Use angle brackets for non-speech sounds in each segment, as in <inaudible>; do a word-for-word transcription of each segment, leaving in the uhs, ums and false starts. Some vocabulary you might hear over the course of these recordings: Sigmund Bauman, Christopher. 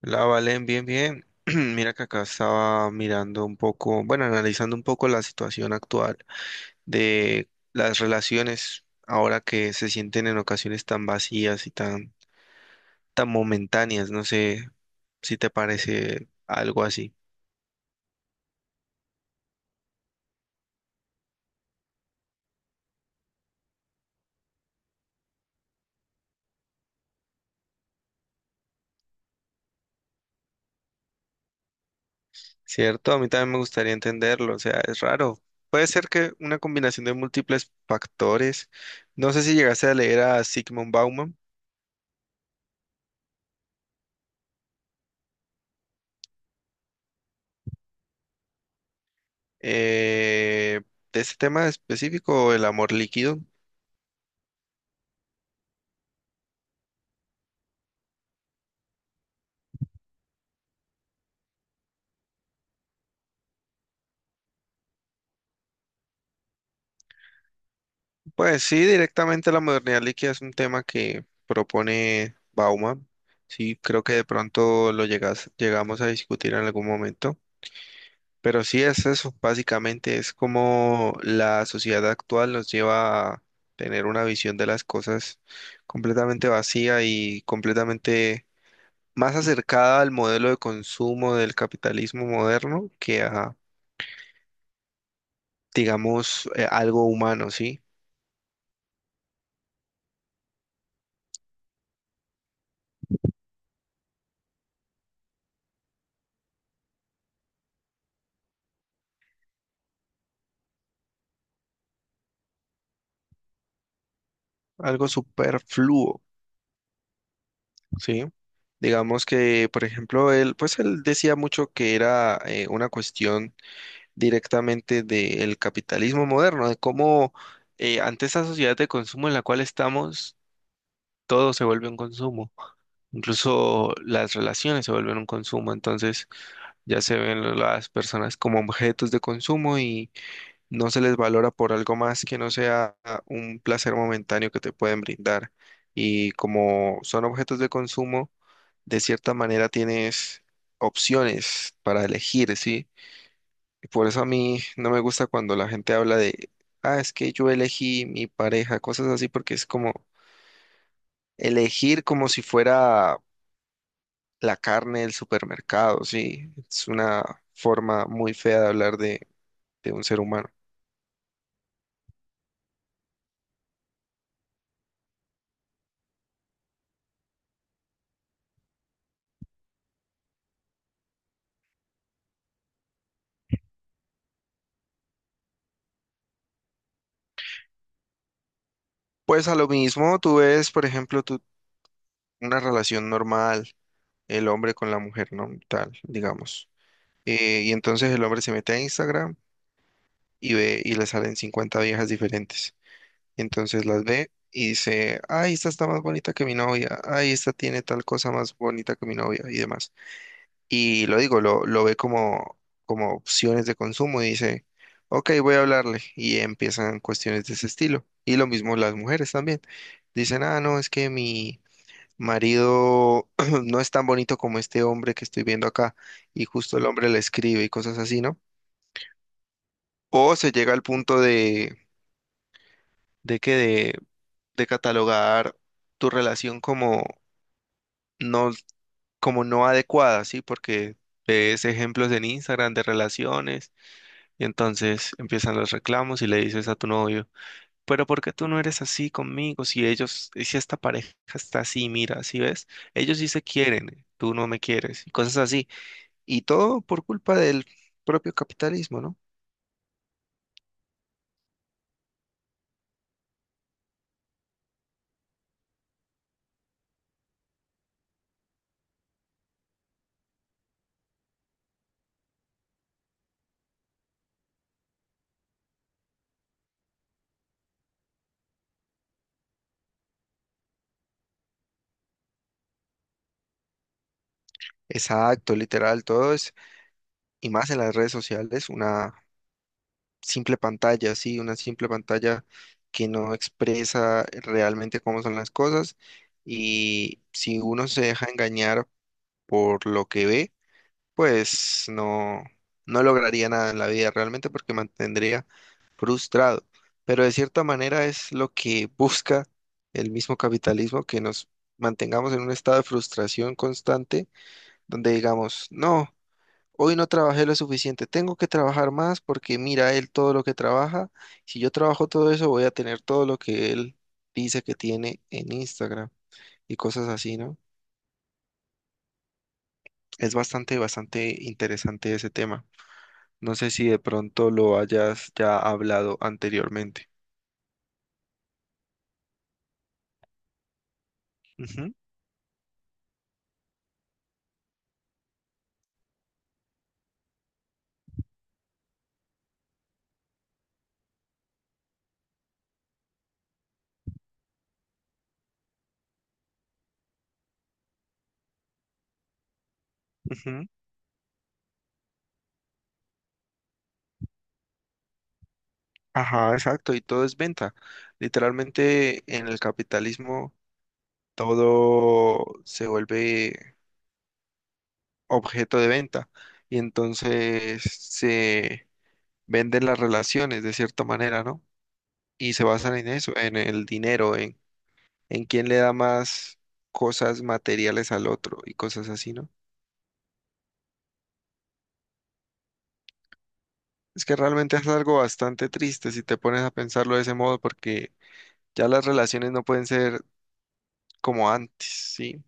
La Valen, bien, bien. <clears throat> Mira que acá estaba mirando un poco, bueno, analizando un poco la situación actual de las relaciones ahora que se sienten en ocasiones tan vacías y tan, tan momentáneas. No sé si te parece algo así, ¿cierto? A mí también me gustaría entenderlo, o sea, es raro. Puede ser que una combinación de múltiples factores. No sé si llegaste a leer a Sigmund Bauman eh, de este tema específico, el amor líquido. Pues sí, directamente la modernidad líquida es un tema que propone Bauman. Sí, creo que de pronto lo llegas, llegamos a discutir en algún momento. Pero sí es eso, básicamente es como la sociedad actual nos lleva a tener una visión de las cosas completamente vacía y completamente más acercada al modelo de consumo del capitalismo moderno que a, digamos, eh, algo humano, ¿sí? Algo superfluo. Sí, digamos que, por ejemplo, él, pues él decía mucho que era eh, una cuestión directamente del capitalismo moderno, de cómo eh, ante esa sociedad de consumo en la cual estamos, todo se vuelve un consumo, incluso las relaciones se vuelven un consumo, entonces ya se ven las personas como objetos de consumo y no se les valora por algo más que no sea un placer momentáneo que te pueden brindar. Y como son objetos de consumo, de cierta manera tienes opciones para elegir, ¿sí? Y por eso a mí no me gusta cuando la gente habla de, ah, es que yo elegí mi pareja, cosas así, porque es como elegir como si fuera la carne del supermercado, ¿sí? Es una forma muy fea de hablar de, de un ser humano. Pues a lo mismo, tú ves, por ejemplo, tú- una relación normal, el hombre con la mujer, ¿no? Tal, digamos. Eh, y entonces el hombre se mete a Instagram y ve y le salen cincuenta viejas diferentes. Entonces las ve y dice, ay, esta está más bonita que mi novia, ay, esta tiene tal cosa más bonita que mi novia y demás. Y lo digo, lo, lo ve como, como opciones de consumo y dice, ok, voy a hablarle. Y empiezan cuestiones de ese estilo. Y lo mismo las mujeres también. Dicen, ah, no, es que mi marido <clears throat> no es tan bonito como este hombre que estoy viendo acá. Y justo el hombre le escribe y cosas así, ¿no? O se llega al punto de, ¿de qué? De catalogar tu relación como no, como no adecuada, ¿sí? Porque ves ejemplos en Instagram de relaciones y entonces empiezan los reclamos y le dices a tu novio, pero ¿por qué tú no eres así conmigo? Si ellos, si esta pareja está así, mira, ¿sí ves? Ellos sí se quieren, tú no me quieres, y cosas así. Y todo por culpa del propio capitalismo, ¿no? Exacto, literal, todo es, y más en las redes sociales, una simple pantalla, sí, una simple pantalla que no expresa realmente cómo son las cosas y si uno se deja engañar por lo que ve, pues no, no lograría nada en la vida realmente porque mantendría frustrado. Pero de cierta manera es lo que <laughs> busca el mismo capitalismo, que nos mantengamos en un estado de frustración constante donde digamos, no. Hoy no trabajé lo suficiente, tengo que trabajar más porque mira él todo lo que trabaja. Si yo trabajo todo eso, voy a tener todo lo que él dice que tiene en Instagram y cosas así, ¿no? Es bastante, bastante interesante ese tema. No sé si de pronto lo hayas ya hablado anteriormente. Ujú, ujú. Ajá, exacto, y todo es venta. Literalmente en el capitalismo todo se vuelve objeto de venta y entonces se venden las relaciones de cierta manera, ¿no? Y se basan en eso, en el dinero, en, en quién le da más cosas materiales al otro y cosas así, ¿no? Es que realmente es algo bastante triste si te pones a pensarlo de ese modo, porque ya las relaciones no pueden ser como antes, ¿sí?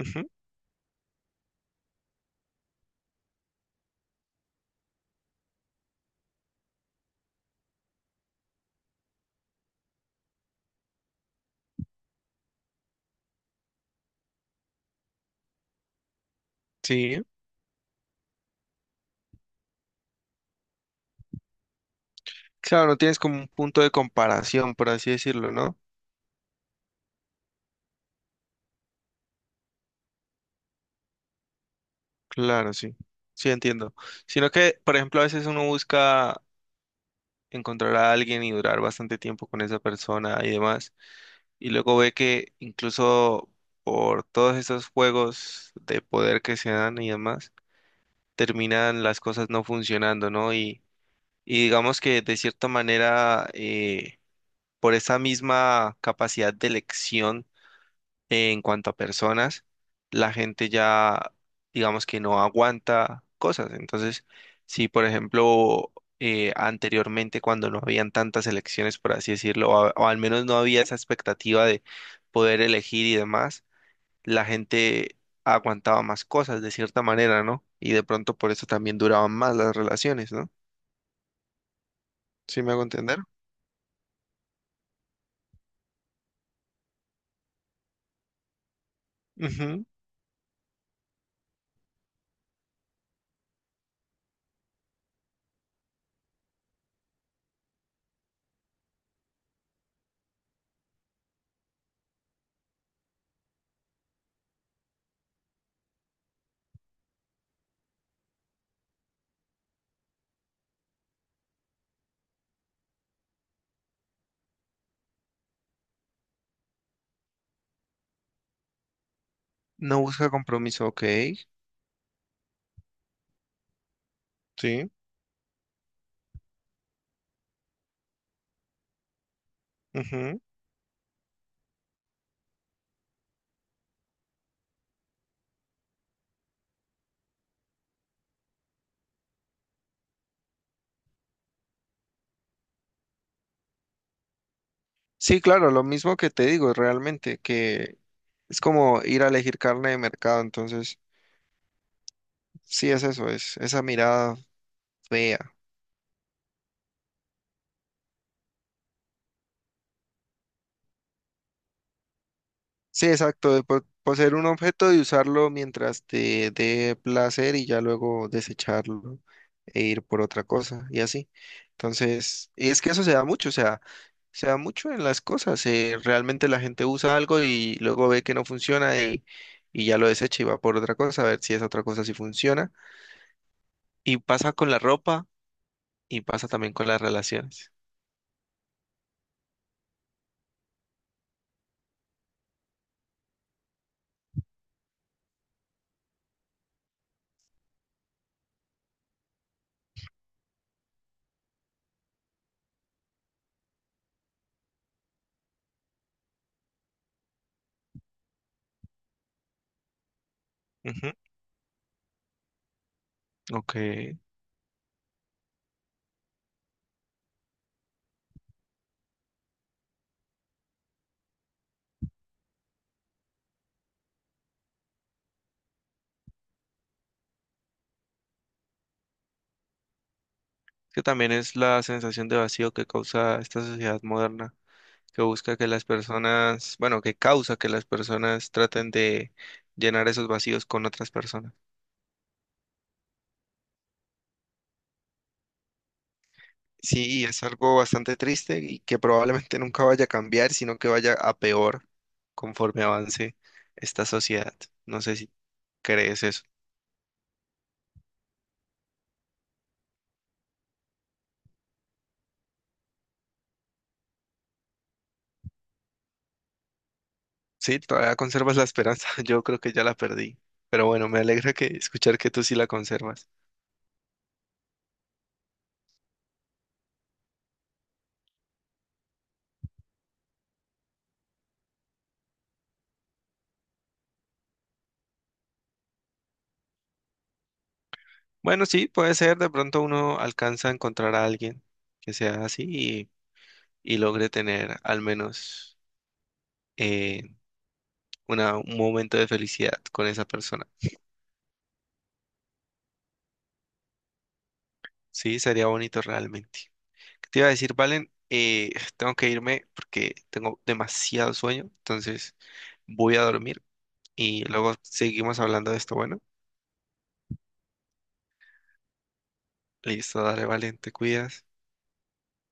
Ujú. Sí. Claro, no tienes como un punto de comparación, por así decirlo, ¿no? Claro, sí. Sí, entiendo. Sino que, por ejemplo, a veces uno busca encontrar a alguien y durar bastante tiempo con esa persona y demás. Y luego ve que incluso por todos estos juegos de poder que se dan y demás, terminan las cosas no funcionando, ¿no? Y, y digamos que de cierta manera, eh, por esa misma capacidad de elección, en cuanto a personas, la gente ya, digamos que no aguanta cosas. Entonces, si por ejemplo, eh, anteriormente cuando no habían tantas elecciones, por así decirlo, o, a- o al menos no había esa expectativa de poder elegir y demás, la gente aguantaba más cosas de cierta manera, ¿no? Y de pronto por eso también duraban más las relaciones, ¿no? ¿Sí me hago entender? Ujú. No busca compromiso, ok. Sí. Ujú. Sí, claro, lo mismo que te digo, realmente, que es como ir a elegir carne de mercado, entonces, sí es eso, es esa mirada fea. Sí, exacto, de po- poseer un objeto y usarlo mientras te dé placer y ya luego desecharlo e ir por otra cosa y así. Entonces, y es que eso se da mucho, o sea, se da mucho en las cosas, eh, realmente la gente usa algo y luego ve que no funciona y, y ya lo desecha y va por otra cosa, a ver si esa otra cosa sí funciona. Y pasa con la ropa y pasa también con las relaciones. Ujú. Ok. Que también es la sensación de vacío que causa esta sociedad moderna, que busca que las personas, bueno, que causa que las personas traten de llenar esos vacíos con otras personas. Sí, y es algo bastante triste y que probablemente <laughs> nunca vaya a cambiar, sino que vaya a peor conforme avance esta sociedad. No sé si crees eso. Sí, todavía conservas la esperanza. <laughs> Yo creo que ya la perdí. Pero bueno, me alegra que escuchar que tú sí la conservas. Bueno, sí, puede ser. De pronto uno alcanza a encontrar a alguien que sea así y, y logre tener al menos eh, una- un momento de felicidad con esa persona. Sí, sería bonito realmente. ¿Qué te iba a decir, Valen? Eh, tengo que irme porque tengo demasiado sueño. Entonces voy a dormir y luego seguimos hablando de esto. Bueno, listo, dale, Valen, te cuidas.